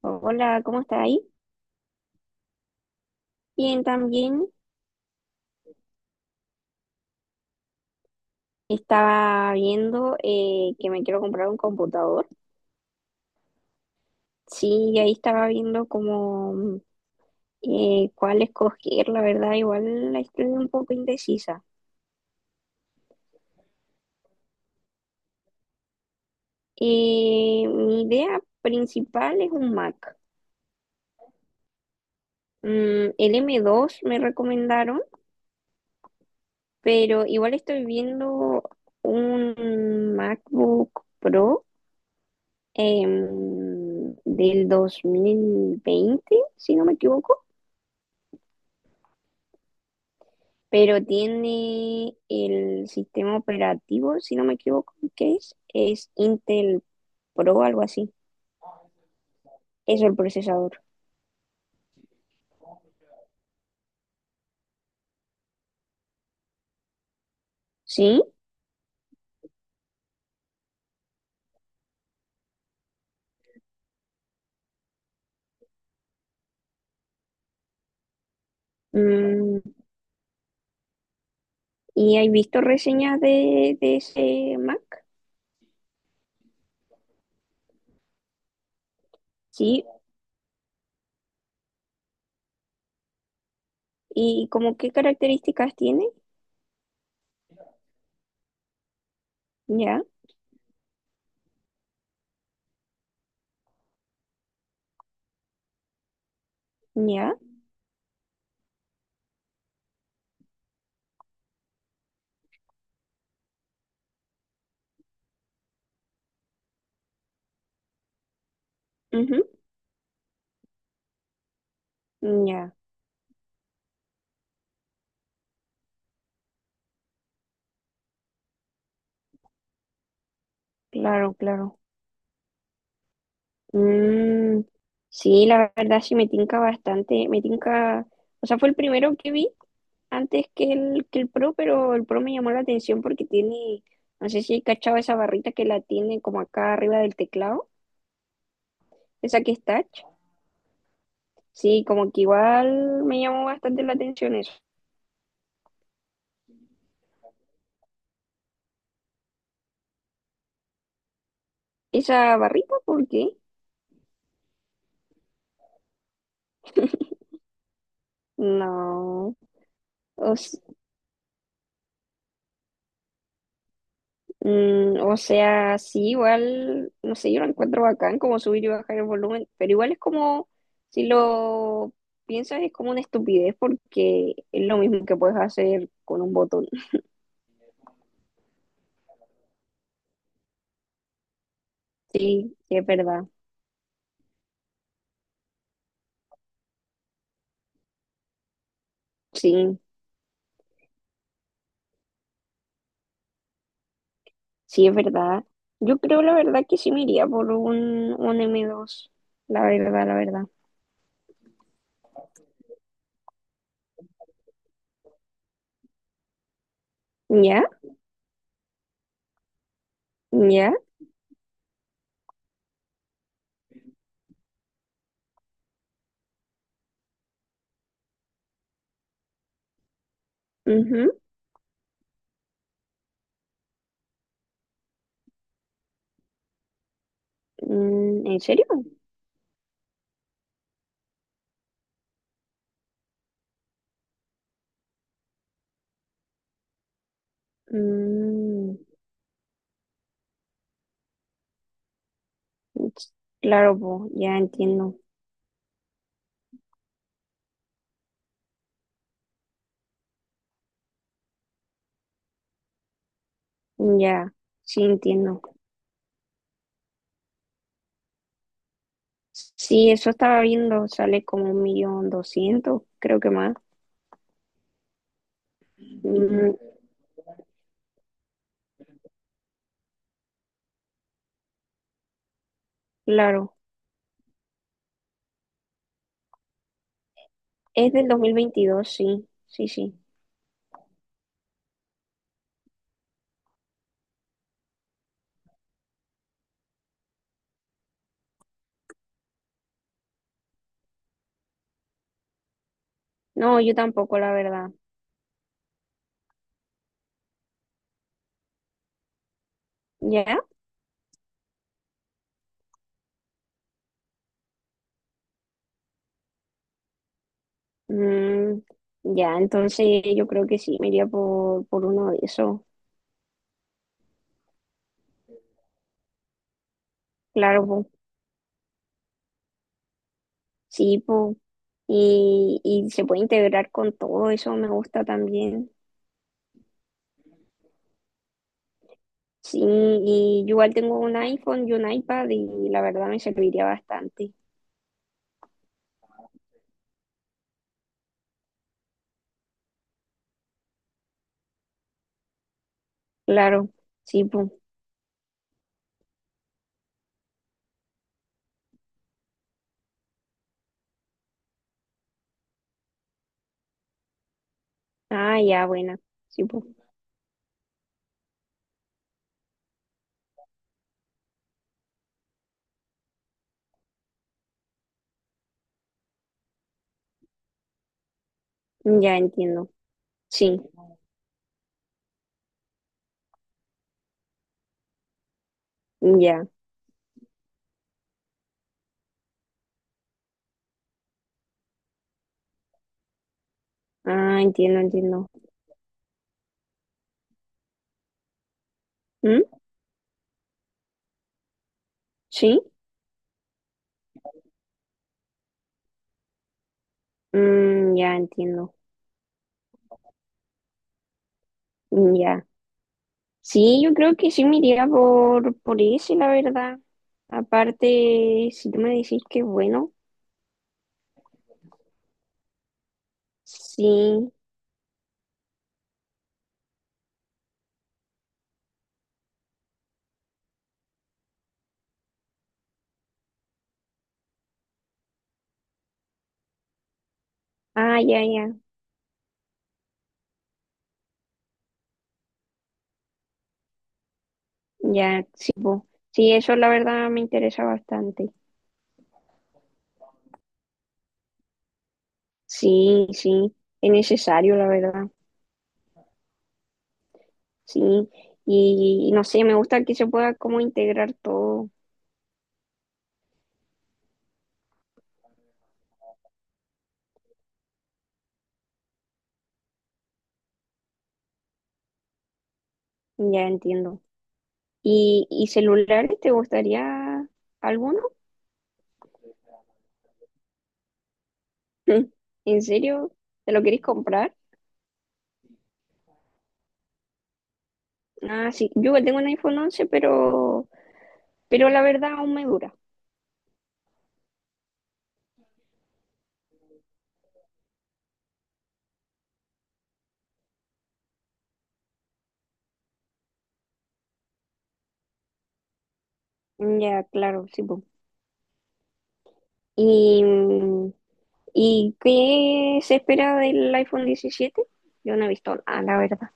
Hola, ¿cómo estás ahí? Bien, también estaba viendo que me quiero comprar un computador. Sí, y ahí estaba viendo como cuál escoger, la verdad, igual la estoy un poco indecisa. Mi idea principal es un Mac. El M2 me recomendaron, pero igual estoy viendo un MacBook Pro del 2020, si no me equivoco. Pero tiene el sistema operativo, si no me equivoco, ¿qué es? Es Intel Pro, algo así. Es el procesador. ¿Sí? Mm, ¿Y hay visto reseñas de ese Mac? Sí. ¿Y como qué características tiene? Ya, ya, ujú, ya. Claro, claro. Mm, sí, la verdad sí me tinca bastante, me tinca, o sea, fue el primero que vi antes que el Pro, pero el Pro me llamó la atención porque tiene, no sé si he cachado esa barrita que la tiene como acá arriba del teclado, esa que es touch. Sí, como que igual me llamó bastante la atención eso. ¿Esa barrita por qué? No. O, s- o sea, sí, igual, no sé, yo lo encuentro bacán como subir y bajar el volumen, pero igual es como, si lo piensas, es como una estupidez porque es lo mismo que puedes hacer con un botón. Sí, sí, es verdad. Sí, sí, es verdad. Yo creo la verdad que sí me iría por un M2. La verdad, la verdad. ¿Ya? ¿Ya? Ujú, ¿en serio? Mm, s- claro, po, ya entiendo. Ya, sí entiendo. Sí, eso estaba viendo, sale como 1.200.000, creo que más. Mm, claro, es del 2022, sí, sí, sí. No, yo tampoco, la verdad. ¿Ya? Mm, ya, entonces yo creo que sí, me iría por uno de esos. Claro, po. Sí, po. Y se puede integrar con todo, eso me gusta también. Sí, y yo igual tengo un iPhone y un iPad y la verdad me serviría bastante. Claro, sí, pues. Ah, ya, buena. Sí, pues. Ya entiendo. Sí, ya. Ah, entiendo, entiendo. ¿Mm? ¿Sí? Ya entiendo. Ya. Sí, yo creo que sí me iría por ese, la verdad. Aparte, si tú me decís que es bueno, sí. Ah, ya, ya, ya, sí, po. Sí, eso la verdad me interesa bastante. Sí, sí, es necesario, la verdad. Sí, y no sé, me gusta que se pueda como integrar todo. Ya entiendo. ¿Y celulares te gustaría alguno? ¿En serio? ¿Te lo querés comprar? Ah, sí, yo igual tengo un iPhone 11, pero... Pero la verdad aún me dura. Ya, claro, sí, po. ¿Y, mm, y qué se espera del iPhone 17? Yo no he visto nada, la verdad.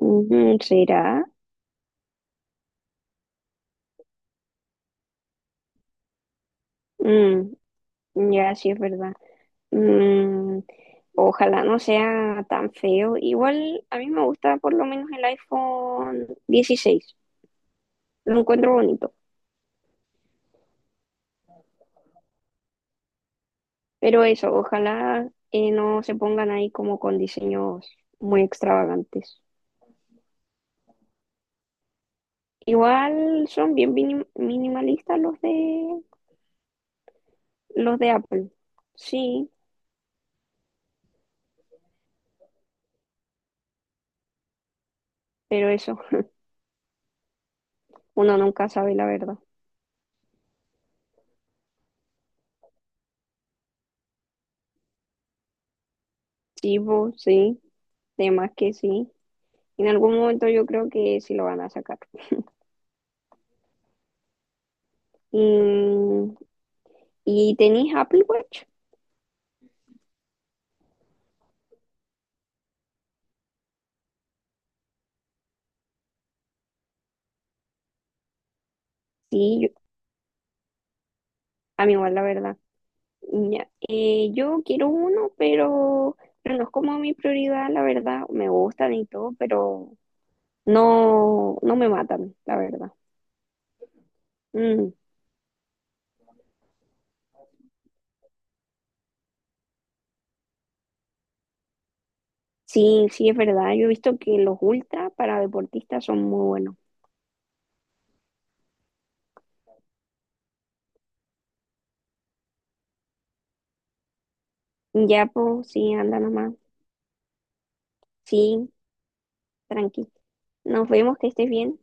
Ujú, ¿será? Mm, ya, sí es verdad. Mm, Ojalá no sea tan feo. Igual a mí me gusta por lo menos el iPhone 16. Lo encuentro bonito. Pero eso, ojalá no se pongan ahí como con diseños muy extravagantes. Igual son bien minimalistas los de Apple. Sí, pero eso, uno nunca sabe la verdad. Sí, po, sí, de más que sí. En algún momento yo creo que sí lo van a sacar. Y, y tenéis Apple Watch. Sí, a mí igual la verdad. Ya, yo quiero uno, pero no es como mi prioridad, la verdad. Me gustan y todo, pero no, no me matan, la verdad. Mm. Sí, sí, es verdad. Yo he visto que los ultra para deportistas son muy buenos. Ya, pues, sí, anda nomás. Sí, tranqui. Nos vemos, que estés bien.